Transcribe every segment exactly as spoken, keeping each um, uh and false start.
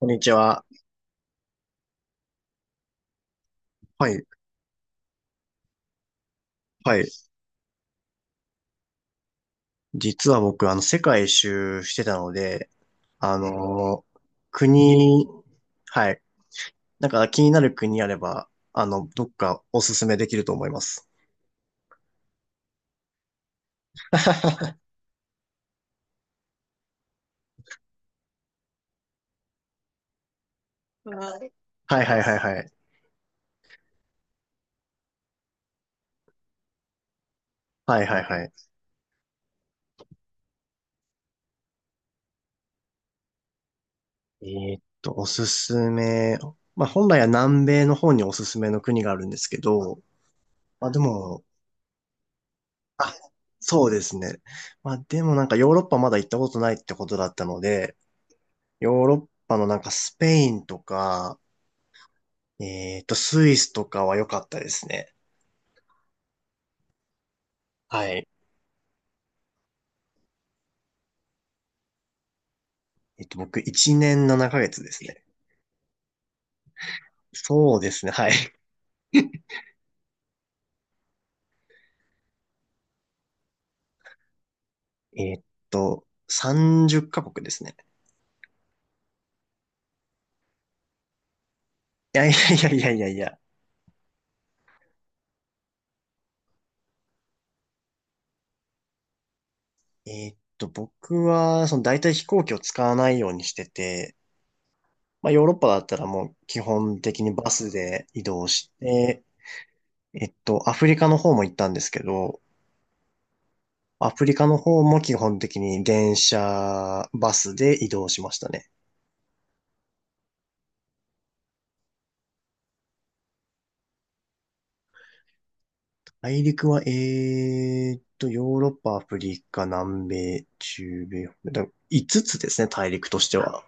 こんにちは。はい。はい。実は僕、あの、世界一周してたので、あのー国、はい。なんか気になる国あれば、あの、どっかおすすめできると思います。はいはいはいはい。はいはいはい。えーっと、おすすめ。まあ、本来は南米の方におすすめの国があるんですけど、まあでも、あ、そうですね。まあでもなんかヨーロッパまだ行ったことないってことだったので、ヨーロッパのなんかスペインとか、えっと、スイスとかは良かったですね。はい。えっと、僕、いちねんななかげつですね。そうですね、はい。えっと、さんじゅっかこくカ国ですね。いやいやいやいやいやいや。えっと、僕は、その、大体飛行機を使わないようにしてて、まあ、ヨーロッパだったらもう基本的にバスで移動して、えっと、アフリカの方も行ったんですけど、アフリカの方も基本的に電車、バスで移動しましたね。大陸は、えーっと、ヨーロッパ、アフリカ、南米、中米、だ、5つつですね、大陸としては。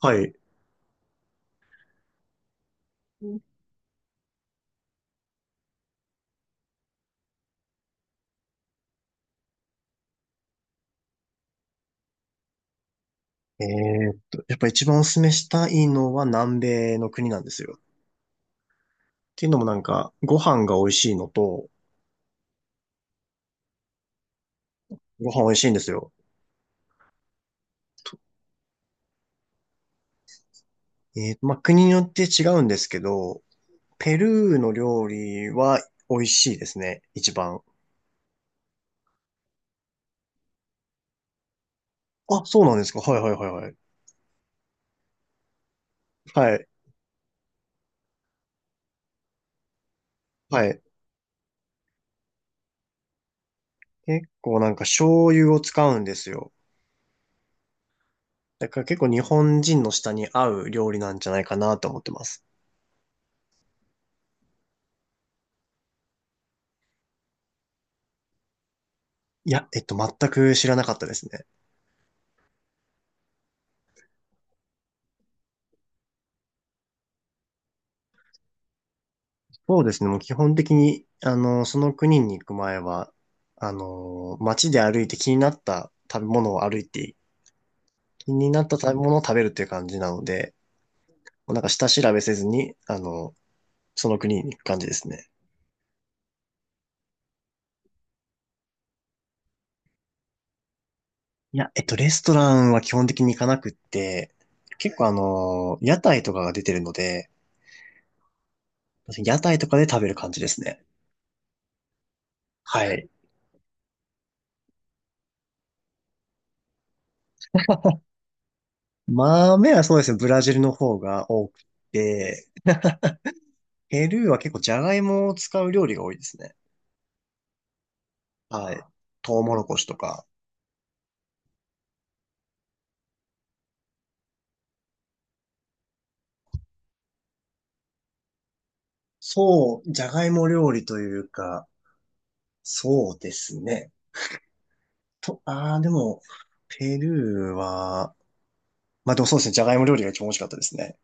はい。えーっと、やっぱ一番おすすめしたいのは南米の国なんですよ。っていうのもなんか、ご飯が美味しいのと、ご飯美味しいんですよ。とえーっと、まあ、国によって違うんですけど、ペルーの料理は美味しいですね、一番。あ、そうなんですか。はいはいはいはい。はい。はい。結構なんか醤油を使うんですよ。だから結構日本人の舌に合う料理なんじゃないかなと思ってます。いや、えっと、全く知らなかったですね。そうですね。もう基本的に、あの、その国に行く前は、あの、街で歩いて気になった食べ物を歩いて、気になった食べ物を食べるっていう感じなので、もうなんか下調べせずに、あの、その国に行く感じですね。いや、えっと、レストランは基本的に行かなくって、結構あの、屋台とかが出てるので、屋台とかで食べる感じですね。はい。豆はそうですね、ブラジルの方が多くて、ペルーは結構ジャガイモを使う料理が多いですね。はい。トウモロコシとか。そう、ジャガイモ料理というか、そうですね。と、ああ、でも、ペルーは、まあでもそうですね、ジャガイモ料理が一番美味しかったですね。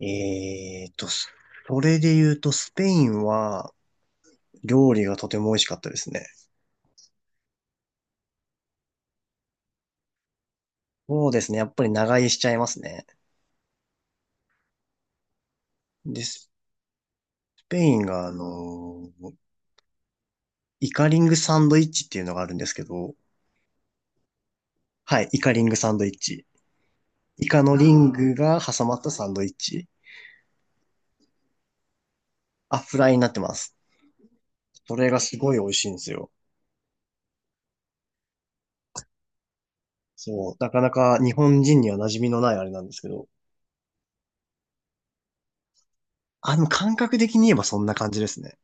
えーと、そそれで言うと、スペインは料理がとても美味しかったですね。そうですね、やっぱり長居しちゃいますね。で、スペインが、あのーイカリングサンドイッチっていうのがあるんですけど、はい、イカリングサンドイッチ。イカのリンあグが挟まったサンドイッチ。あ、フライになってます。それがすごい美味しいんですよ。そう、なかなか日本人には馴染みのないあれなんですけど。あの、感覚的に言えばそんな感じですね。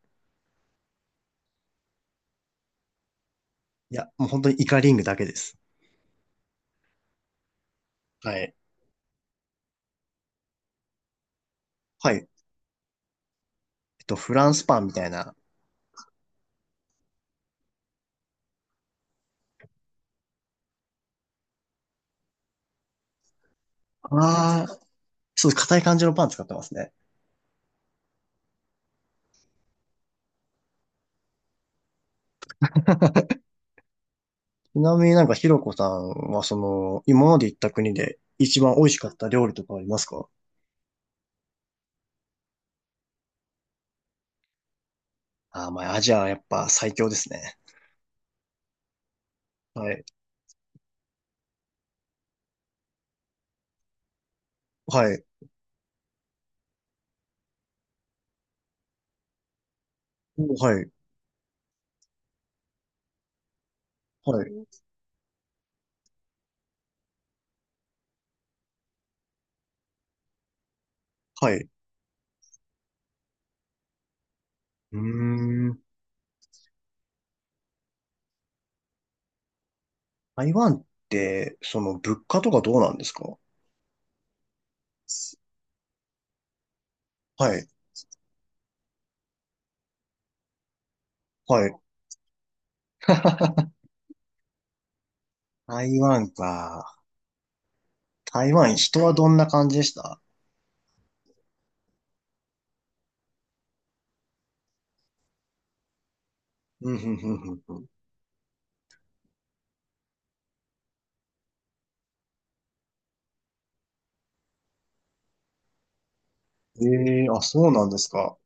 いや、もう本当にイカリングだけです。はい。はい。えっと、フランスパンみたいな。ああ、そう、硬い感じのパン使ってますね。ちなみになんかひろこさんはその、今まで行った国で一番美味しかった料理とかありますか？ああ、まあ、アジアはやっぱ最強ですね。はい。はい。お、はい。はい。はい。うーん。台湾って、その物価とかどうなんですか？はい。はい。台湾か。台湾、人はどんな感じでした？うん、ふん、ふん、ふん、ふん。ええー、あ、そうなんですか。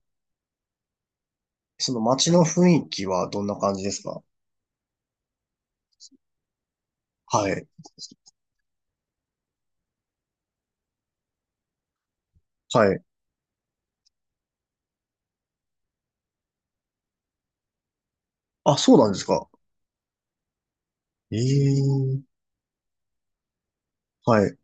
その街の雰囲気はどんな感じですか？はい。はい。あ、そうなんですか。ええー、はい。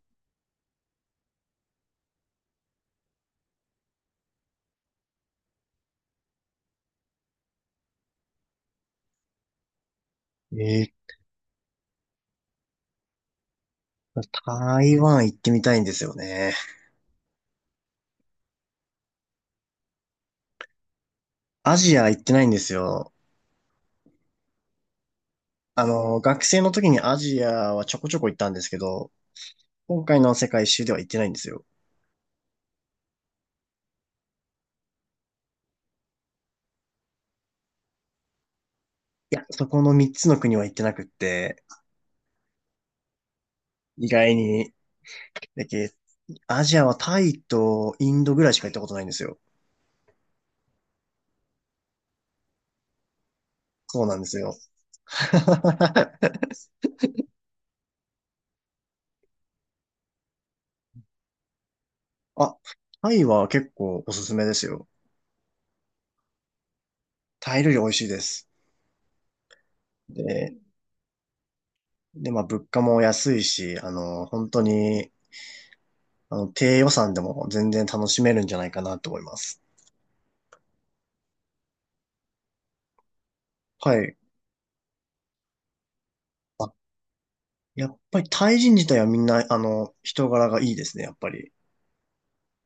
ええー、台湾行ってみたいんですよね。アジア行ってないんですよ。あの、学生の時にアジアはちょこちょこ行ったんですけど、今回の世界一周では行ってないんですよ。いや、そこのみっつの国は行ってなくって、意外に、だけ、アジアはタイとインドぐらいしか行ったことないんですよ。そうなんですよ。あ、タイは結構おすすめですよ。タイ料理美味しいです。で、で、まあ物価も安いし、あの、本当に、あの、低予算でも全然楽しめるんじゃないかなと思います。はい。やっぱりタイ人自体はみんな、あの、人柄がいいですね、やっぱり。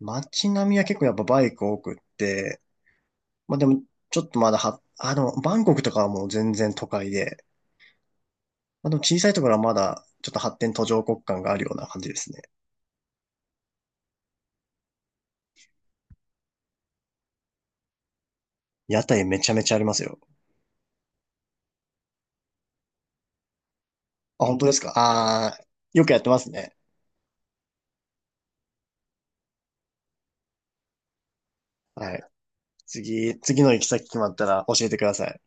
街並みは結構やっぱバイク多くって、まあでも、ちょっとまだは、あ、でも、バンコクとかはもう全然都会で、まあでも小さいところはまだ、ちょっと発展途上国感があるような感じですね。屋台めちゃめちゃありますよ。あ、本当ですか？ああー、よくやってますね。はい。次、次の行き先決まったら教えてください。